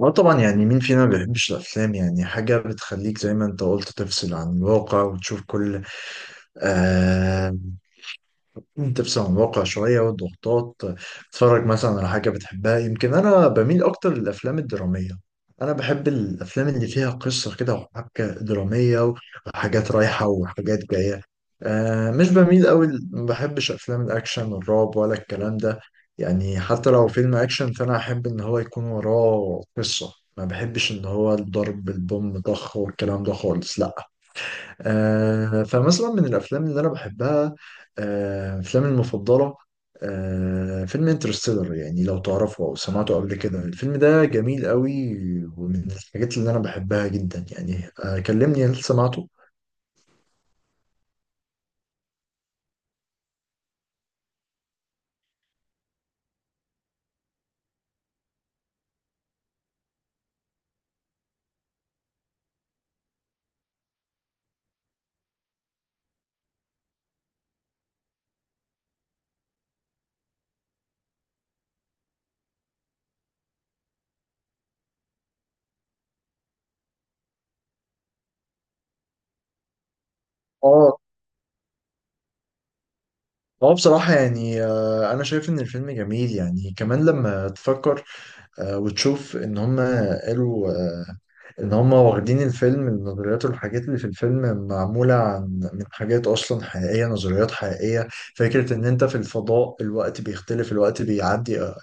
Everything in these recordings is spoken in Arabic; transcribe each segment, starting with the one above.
اه، طبعا، يعني مين فينا ما بيحبش الافلام؟ يعني حاجه بتخليك زي ما انت قلت تفصل عن الواقع وتشوف كل آه تفصل عن الواقع شوية والضغوطات. تتفرج مثلا على حاجة بتحبها. يمكن أنا بميل أكتر للأفلام الدرامية. أنا بحب الأفلام اللي فيها قصة كده وحبكة درامية وحاجات رايحة وحاجات جاية. مش بميل أوي، ما بحبش أفلام الأكشن والرعب ولا الكلام ده. يعني حتى لو فيلم أكشن، فأنا أحب إن هو يكون وراه قصة، ما بحبش إن هو الضرب بالبوم ضخ والكلام ده خالص، لا. فمثلا من الافلام اللي انا بحبها، افلامي المفضله، فيلم انترستيلر. يعني لو تعرفه او سمعته قبل كده، الفيلم ده جميل قوي. ومن الحاجات اللي انا بحبها جدا، يعني كلمني، هل سمعته؟ اه، اه، بصراحة يعني، أنا شايف إن الفيلم جميل. يعني كمان لما تفكر وتشوف إن هما قالوا ان هم واخدين الفيلم، النظريات والحاجات اللي في الفيلم معمولة من حاجات اصلا حقيقية، نظريات حقيقية. فكرة ان انت في الفضاء الوقت بيختلف، الوقت بيعدي آه،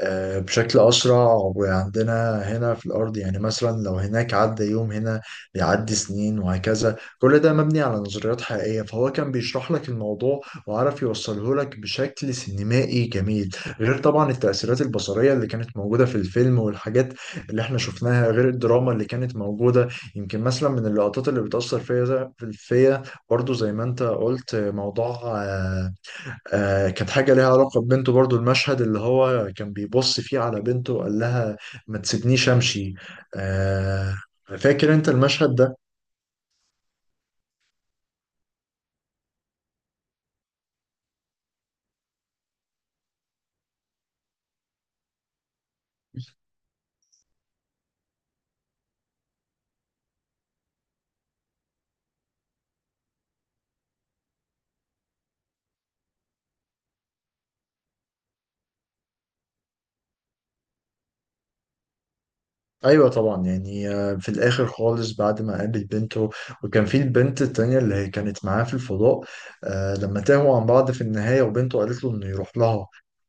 آه، بشكل أسرع. وعندنا هنا في الأرض، يعني مثلا لو هناك عدى يوم، هنا بيعدي سنين، وهكذا. كل ده مبني على نظريات حقيقية، فهو كان بيشرح لك الموضوع وعرف يوصله لك بشكل سينمائي جميل، غير طبعا التأثيرات البصرية اللي كانت موجودة في الفيلم والحاجات اللي احنا شفناها، غير الدراما اللي كانت موجودة. يمكن مثلا من اللقطات اللي بتأثر فيا برضو زي ما انت قلت، موضوع كانت حاجة ليها علاقة ببنته. برضو المشهد اللي هو كان بيبص فيه على بنته وقال لها: ما تسيبنيش أمشي. آه، فاكر أنت المشهد ده؟ ايوه طبعا، يعني في الاخر خالص، بعد ما قابل بنته وكان في البنت التانية اللي هي كانت معاه في الفضاء، لما تاهوا عن بعض في النهاية، وبنته قالت له انه يروح لها.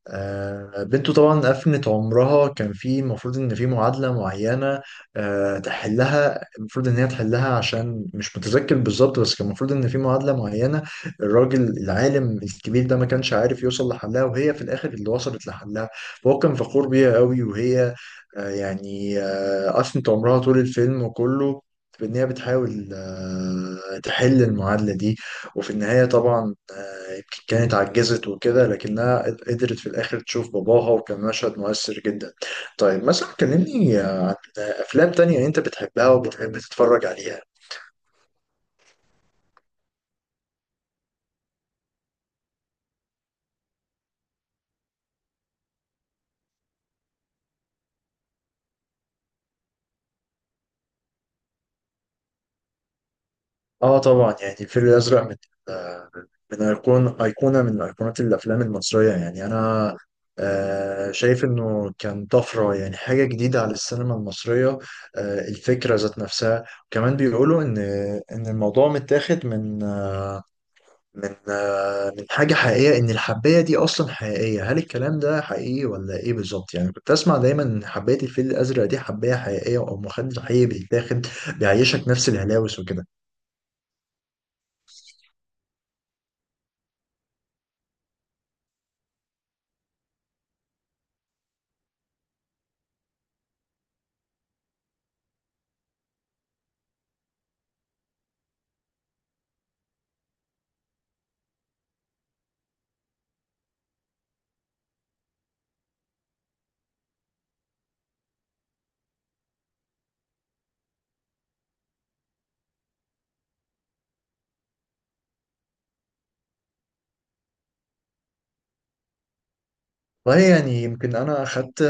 بنته طبعا أفنت عمرها، كان في المفروض إن في معادلة معينة تحلها، المفروض إن هي تحلها. عشان مش متذكر بالظبط، بس كان المفروض إن في معادلة معينة الراجل العالم الكبير ده ما كانش عارف يوصل لحلها، وهي في الآخر اللي وصلت لحلها. فهو كان فخور بيها قوي، وهي أشنت عمرها طول الفيلم كله في إن هي بتحاول تحل المعادلة دي. وفي النهاية طبعا يمكن كانت عجزت وكده، لكنها قدرت في الآخر تشوف باباها، وكان مشهد مؤثر جدا. طيب مثلا كلمني عن أفلام تانية أنت بتحبها وبتحب تتفرج عليها. اه طبعا، يعني الفيل الازرق، من ايقونه من ايقونات الافلام المصريه. يعني انا شايف انه كان طفره، يعني حاجه جديده على السينما المصريه. الفكره ذات نفسها. وكمان بيقولوا ان الموضوع متاخد من حاجه حقيقيه، ان الحبايه دي اصلا حقيقيه. هل الكلام ده حقيقي ولا ايه بالظبط؟ يعني كنت اسمع دايما ان حبايه الفيل الازرق دي حبايه حقيقيه، او مخدر حقيقي بيتاخد بيعيشك نفس الهلاوس وكده. والله يعني، يمكن انا اخدت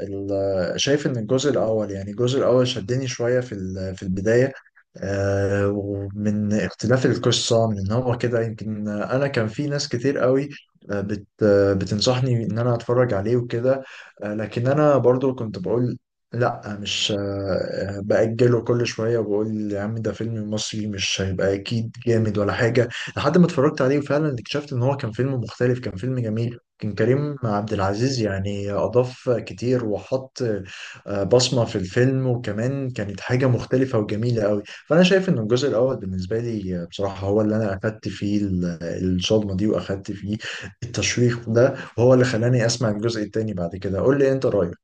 شايف ان الجزء الاول، يعني الجزء الاول شدني شويه في في البدايه. ومن اختلاف القصه من ان هو كده، يمكن انا كان في ناس كتير قوي آه، بت آه، بتنصحني ان انا اتفرج عليه وكده. لكن انا برضو كنت بقول لا، مش بأجله كل شويه، وبقول يا عم ده فيلم مصري، مش هيبقى اكيد جامد ولا حاجه. لحد ما اتفرجت عليه وفعلا اكتشفت ان هو كان فيلم مختلف، كان فيلم جميل. كان كريم عبد العزيز يعني أضاف كتير وحط بصمة في الفيلم، وكمان كانت حاجة مختلفة وجميلة قوي. فأنا شايف إن الجزء الأول بالنسبة لي بصراحة هو اللي أنا أخدت فيه الصدمة دي، وأخدت فيه التشويق ده، وهو اللي خلاني أسمع الجزء التاني بعد كده. قول لي أنت رأيك.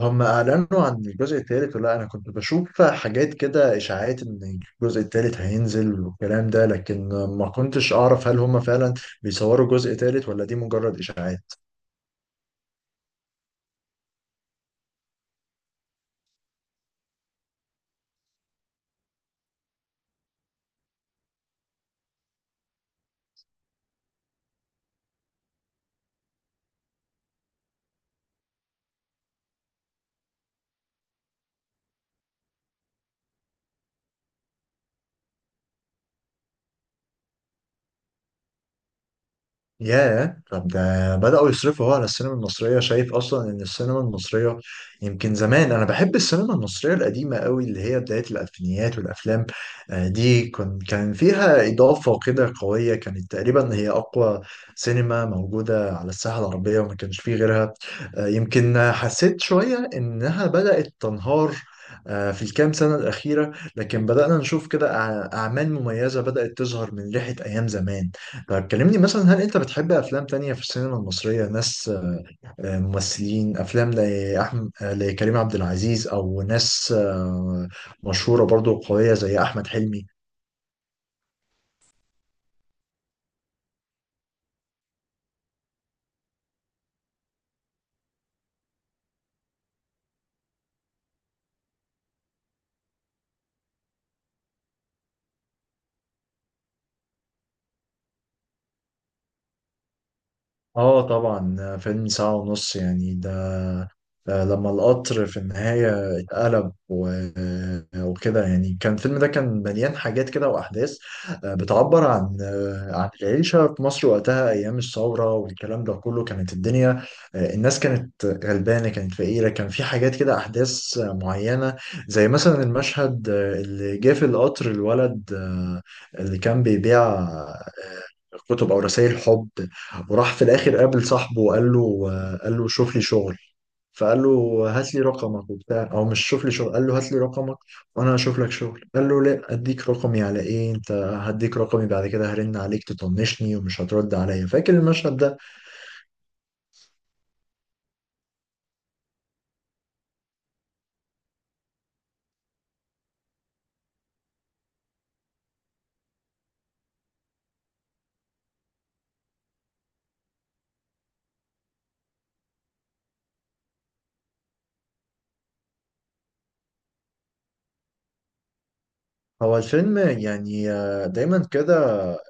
هم اعلنوا عن الجزء الثالث، ولا انا كنت بشوف حاجات كده اشاعات ان الجزء الثالث هينزل والكلام ده؟ لكن ما كنتش اعرف هل هم فعلا بيصوروا جزء ثالث ولا دي مجرد اشاعات. ياه، طب ده بدأوا يصرفوا هو على السينما المصرية! شايف أصلا إن السينما المصرية، يمكن زمان، أنا بحب السينما المصرية القديمة قوي اللي هي بداية الألفينيات. والأفلام دي كان فيها إضافة كده قوية. كانت تقريبا هي أقوى سينما موجودة على الساحة العربية، وما كانش فيه غيرها. يمكن حسيت شوية إنها بدأت تنهار في الكام سنة الأخيرة، لكن بدأنا نشوف كده أعمال مميزة بدأت تظهر من ريحة أيام زمان. طيب كلمني مثلا، هل انت بتحب افلام تانية في السينما المصرية؟ ناس ممثلين افلام لكريم عبد العزيز، او ناس مشهورة برضو قوية زي احمد حلمي؟ اه طبعا، فيلم ساعة ونص. يعني ده لما القطر في النهاية اتقلب وكده. يعني كان الفيلم ده كان مليان حاجات كده وأحداث بتعبر عن العيشة في مصر وقتها أيام الثورة والكلام ده كله. كانت الدنيا الناس كانت غلبانة، كانت فقيرة. كان في حاجات كده، أحداث معينة زي مثلا المشهد اللي جه في القطر، الولد اللي كان بيبيع كتب أو رسائل حب، وراح في الآخر قابل صاحبه وقال له آه، قال له شوف لي شغل. فقال له: هات لي رقمك وبتاع، او مش شوف لي شغل، قال له: هات لي رقمك وانا هشوف لك شغل. قال له: لا، اديك رقمي على ايه انت، هديك رقمي بعد كده هرن عليك تطنشني ومش هترد عليا. فاكر المشهد ده؟ هو الفيلم يعني دايما كده. آه،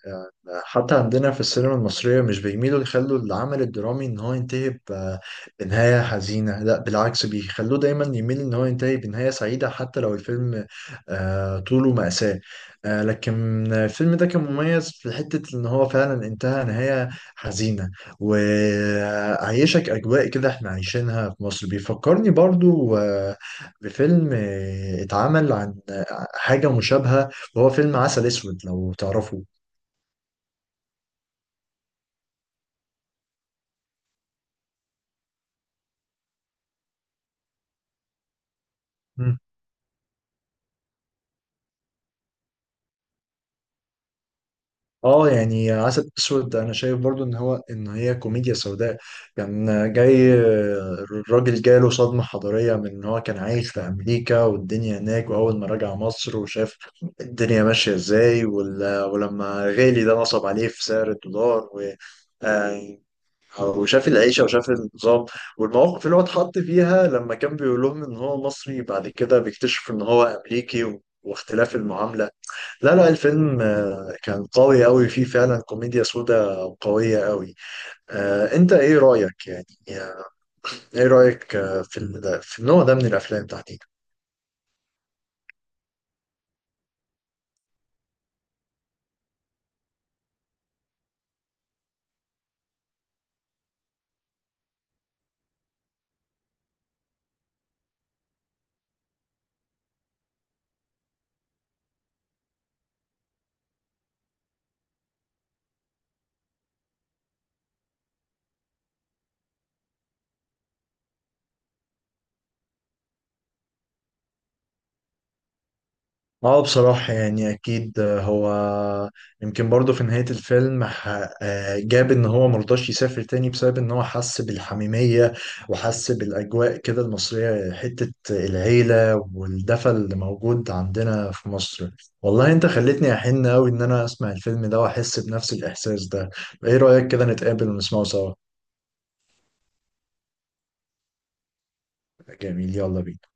حتى عندنا في السينما المصرية مش بيميلوا يخلوا العمل الدرامي ان هو ينتهي بنهاية حزينة، لا بالعكس، بيخلوه دايما يميل ان هو ينتهي بنهاية سعيدة، حتى لو الفيلم طوله مأساة. لكن الفيلم ده كان مميز في حتة ان هو فعلا انتهى نهاية حزينة، وعيشك اجواء كده احنا عايشينها في مصر. بيفكرني برضو بفيلم اتعمل حاجة مشابهة، وهو فيلم عسل اسود، لو تعرفه. مم. اه يعني عسل اسود، انا شايف برضو ان هي كوميديا سوداء. كان جاي الراجل، جاله صدمة حضارية من ان هو كان عايش في امريكا والدنيا هناك، واول ما رجع مصر وشاف الدنيا ماشية ازاي، ولما غالي ده نصب عليه في سعر الدولار، و آه، وشاف العيشة وشاف النظام والمواقف اللي هو اتحط فيها، لما كان بيقول لهم إن هو مصري، بعد كده بيكتشف إن هو أمريكي واختلاف المعاملة. لا، لا، الفيلم كان قوي قوي، فيه فعلا كوميديا سودا قوية قوي. انت ايه رأيك يعني، آه، ايه رأيك آه، في في النوع ده من الافلام تحديدا؟ اه بصراحة يعني أكيد، هو يمكن برضه في نهاية الفيلم جاب إن هو مرضاش يسافر تاني بسبب إن هو حس بالحميمية وحس بالأجواء كده المصرية، حتة العيلة والدفى اللي موجود عندنا في مصر. والله أنت خلتني أحن أوي إن أنا أسمع الفيلم ده وأحس بنفس الإحساس ده. إيه رأيك كده نتقابل ونسمعه سوا؟ جميل، يلا بينا.